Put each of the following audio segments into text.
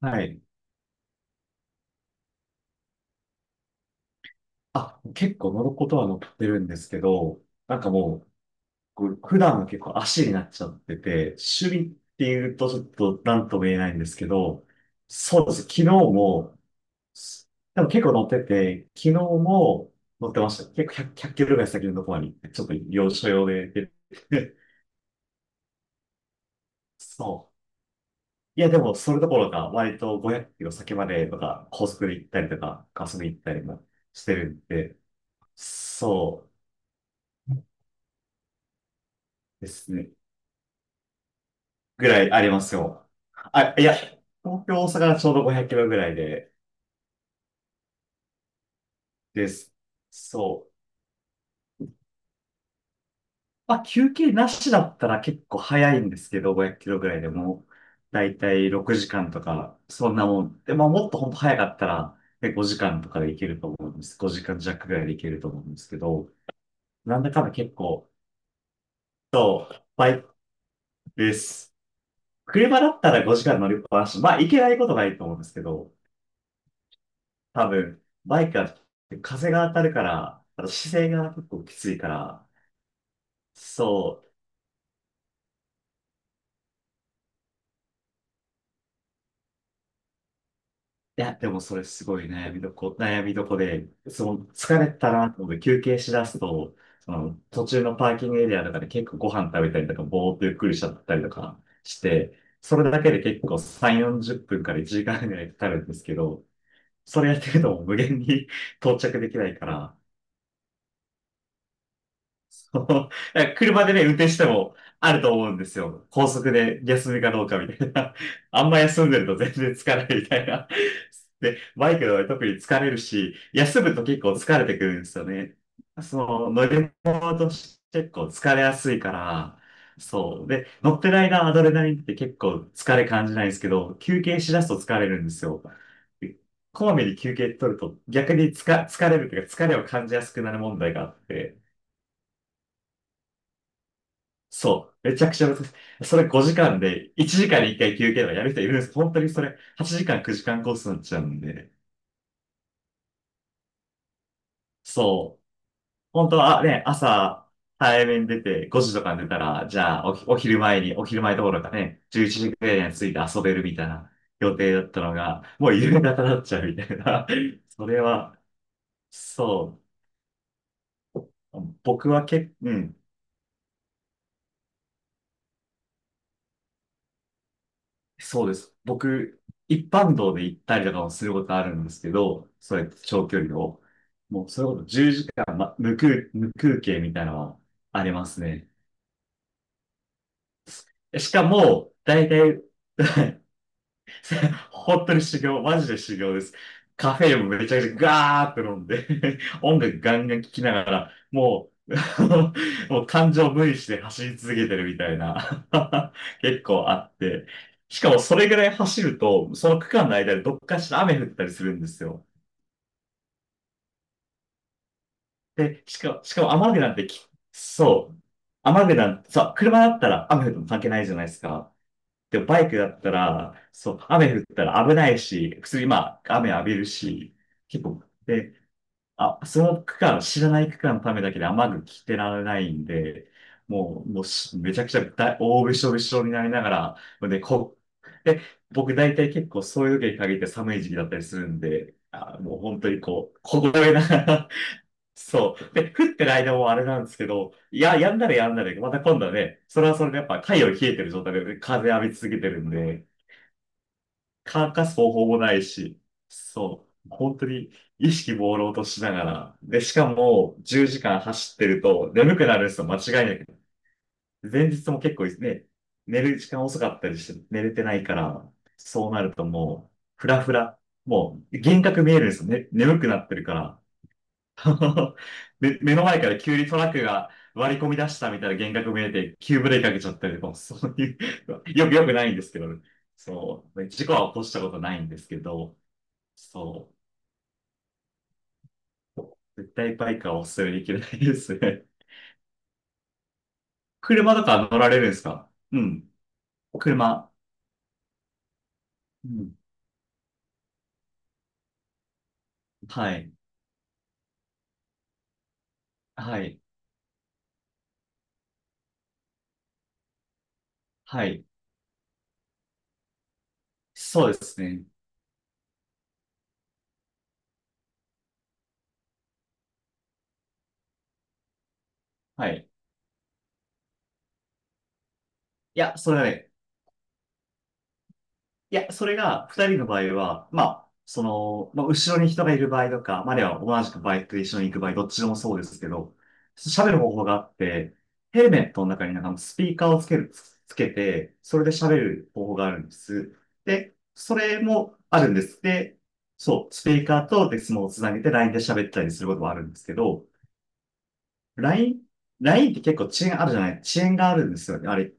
はい。あ、結構乗ることは乗ってるんですけど、なんかもう、こう普段は結構足になっちゃってて、趣味っていうとちょっと何とも言えないんですけど、そうです。昨日も、でも結構乗ってて、昨日も乗ってました。結構100、ひゃっキロぐらい先のところに、ちょっと要所要で行って そう。いや、でも、それどころか、割と500キロ先までとか、高速で行ったりとか、ガスで行ったりもしてるんで、そう。ですね。ぐらいありますよ。あ、いや、東京、大阪がちょうど500キロぐらいで、です。そう。まあ、休憩なしだったら結構早いんですけど、500キロぐらいでも、だいたい6時間とか、そんなもん。で、まあ、もっと本当早かったら、5時間とかで行けると思うんです。5時間弱ぐらいで行けると思うんですけど、なんだかんだ結構、そう、バイクです。車だったら5時間乗りっぱなし。まあ、行けないことないと思うんですけど、多分、バイクは風が当たるから、あと姿勢が結構きついから、そう。いや、でもそれすごいね悩みどこで、その疲れたなと思って休憩しだすと、その途中のパーキングエリアとかで結構ご飯食べたりとか、ぼーっとゆっくりしちゃったりとかして、それだけで結構3、40分から1時間ぐらいかかるんですけど、それやってるともう無限に 到着できないから、車でね、運転してもあると思うんですよ。高速で休みかどうかみたいな。あんま休んでると全然疲れるみたいな。で、バイクの場合特に疲れるし、休むと結構疲れてくるんですよね。その乗り物として結構疲れやすいから、そう。で、乗ってる間アドレナリンって結構疲れ感じないんですけど、休憩しだすと疲れるんですよ。でこまめに休憩取ると逆に疲れるというか疲れを感じやすくなる問題があって、そう。めちゃくちゃ難しい。それ5時間で、1時間に1回休憩とかやる人いるんですけど、本当にそれ8時間9時間コースになっちゃうんで。そう。本当は、朝、早めに出て5時とかに出たら、じゃあお、お昼前に、お昼前どころかね、11時くらいに着いて遊べるみたいな予定だったのが、もう夕方になっちゃうみたいな。それは、そう。僕は結構、うん。そうです。僕、一般道で行ったりとかもすることあるんですけど、そうやって長距離を。もう、それこそ10時間、ま、無空憩みたいなのはありますね。しかも、大体、本当に修行、マジで修行です。カフェインもめちゃくちゃガーって飲んで 音楽ガンガン聴きながら、もう、もう感情無理して走り続けてるみたいな 結構あって。しかもそれぐらい走ると、その区間の間でどっかしら雨降ったりするんですよ。で、しかも雨具なんてき、そう。雨具なんて、車だったら雨降っても関係ないじゃないですか。でもバイクだったら、そう、雨降ったら危ないし、普通にまあ、雨浴びるし、結構、で、あ、その区間、知らない区間のためだけで雨具着てられないんで、もうめちゃくちゃびしょびしょになりながら、で、こう、で、僕大体結構そういう時に限って寒い時期だったりするんで、あ、もう本当にこう、凍えながら、そう。で、降ってる間もあれなんですけど、いや、やんだら、また今度はね、それはそれでやっぱ太陽冷えてる状態で風浴び続けてるんで、乾かす方法もないし、そう、本当に意識朦朧としながら、で、しかも10時間走ってると眠くなるんですよ、間違いなく。前日も結構ね、寝る時間遅かったりして寝れてないから、そうなるともう、ふらふら、もう幻覚見えるんですよね、眠くなってるから。で、目の前から急にトラックが割り込み出したみたいな幻覚見えて、急ブレーキかけちゃったりとか、そういう、よくないんですけど、そう、事故は起こしたことないんですけど、そう、絶対バイクはお勧めできないですね。車とか乗られるんですか？うん。車。うん。はい。はい。はい。そうですね。はい。いや、それはね、いや、それが二人の場合は、まあ、その、まあ、後ろに人がいる場合とか、まあ、あるいは同じくバイクと一緒に行く場合、どっちでもそうですけど、喋る方法があって、ヘルメットの中になんかスピーカーをつけて、それで喋る方法があるんです。で、それもあるんです。で、そう、スピーカーとデスモをつなげて LINE で喋ったりすることもあるんですけど、LINE、LINE って結構遅延があるんですよね。あれ、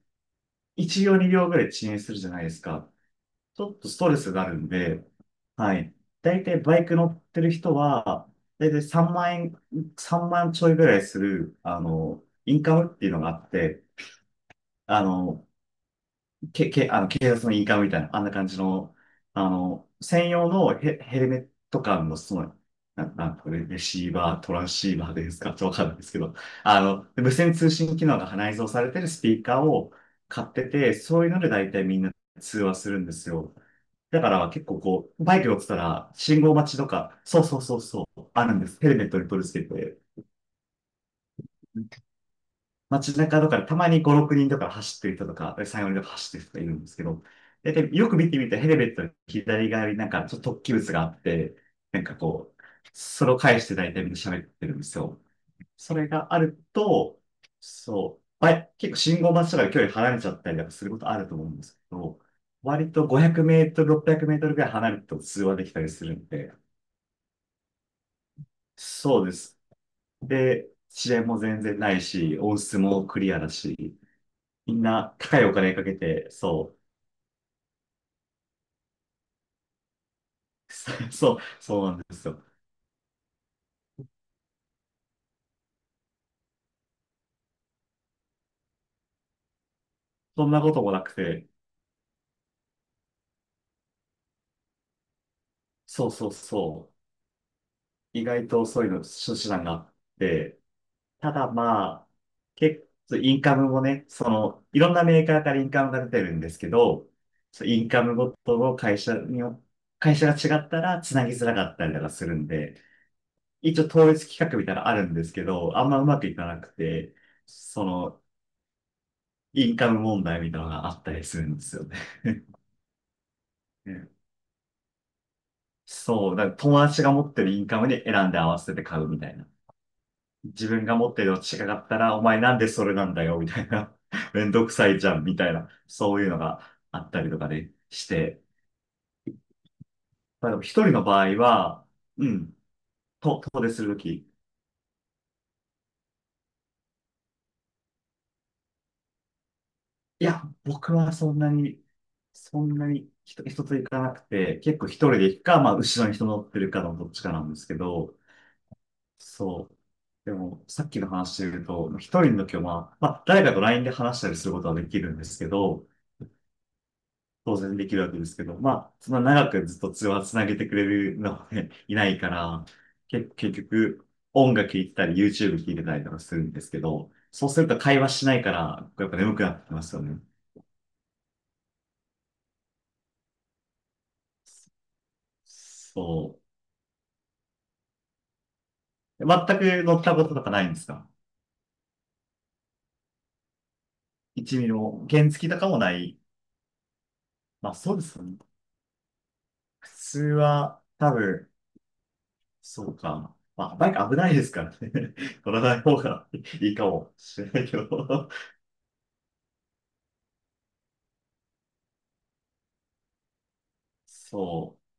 1秒2秒ぐらい遅延するじゃないですか。ちょっとストレスがあるんで、はい。大体バイク乗ってる人は、大体3万円、3万ちょいぐらいする、あの、インカムっていうのがあって、あの、あの、警察のインカムみたいな、あんな感じの、あの、専用のヘルメット感の、その、なんかレシーバー、トランシーバーですか？ちょっとわかんないですけど、あの、無線通信機能が内蔵されてるスピーカーを買ってて、そういうので大体みんな通話するんですよ。だから結構こう、バイク乗ってたら、信号待ちとか、あるんです。ヘルメットに取り付けて、街中とかでたまに5、6人とか走ってる人とか、3、4人とか走ってる人がいるんですけど、よく見てみたらヘルメットの左側になんかちょっと突起物があって、なんかこう、それを返して大体みんな喋ってるんですよ。それがあると、そう、結構信号待ちとかで距離離れちゃったりとかすることあると思うんですけど、割と500メートル、600メートルぐらい離れると通話できたりするんで、そうです。で、遅延も全然ないし、音質もクリアだし、みんな高いお金かけて、そう、そうなんですよ。そんなこともなくて、そう、意外とそういうの手段があって、ただまあ、結構、インカムもね、その、いろんなメーカーからインカムが出てるんですけど、そうインカムごとの会社によ、会社が違ったら繋ぎづらかったりとかするんで、一応統一企画みたいなのあるんですけど、あんまうまくいかなくて、その、インカム問題みたいなのがあったりするんですよね。うん。そう、だから友達が持ってるインカムに選んで合わせて買うみたいな。自分が持ってるの違かったら、お前なんでそれなんだよ、みたいな。めんどくさいじゃん、みたいな。そういうのがあったりとかでして。まあでも一人の場合は、うん、と、遠出するとき、いや、僕はそんなに、人と行かなくて、結構一人で行くか、まあ、後ろに人乗ってるかのどっちかなんですけど、そう。でも、さっきの話で言うと、一人の時は、まあ、まあ、誰かと LINE で話したりすることはできるんですけど、当然できるわけですけど、まあ、そんな長くずっと通話つなげてくれるのはね、いないから、結局、音楽聴いてたり、YouTube 聴いてたりとかするんですけど、そうすると会話しないから、やっぱ眠くなってきますよね。そう。全く乗ったこととかないんですか？も、原付とかもない。まあそうですよね。普通は、多分、そうか。まあ、バイク危ないですからね。乗らない方がいいかもしれないけど。そう。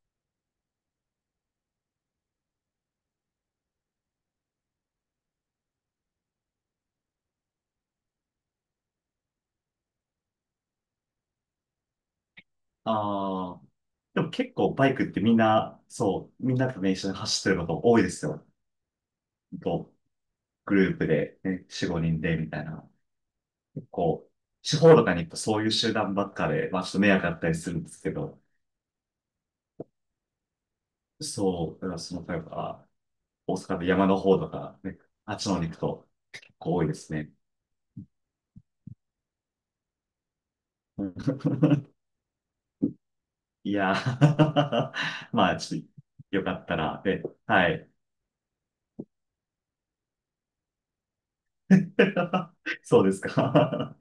ああ。でも結構バイクってみんな、そう、みんなとね、一緒に走ってること多いですよ。と、グループで、ね、4、5人で、みたいな。結構、地方とかに行くとそういう集団ばっかで、まあちょっと迷惑だったりするんですけど。そう、だからその、例えば、大阪の山の方とか、ね、あっちの方に行くと結構多いですね。いやー まあ、ちょっと、よかったら、で、はい。そうですか。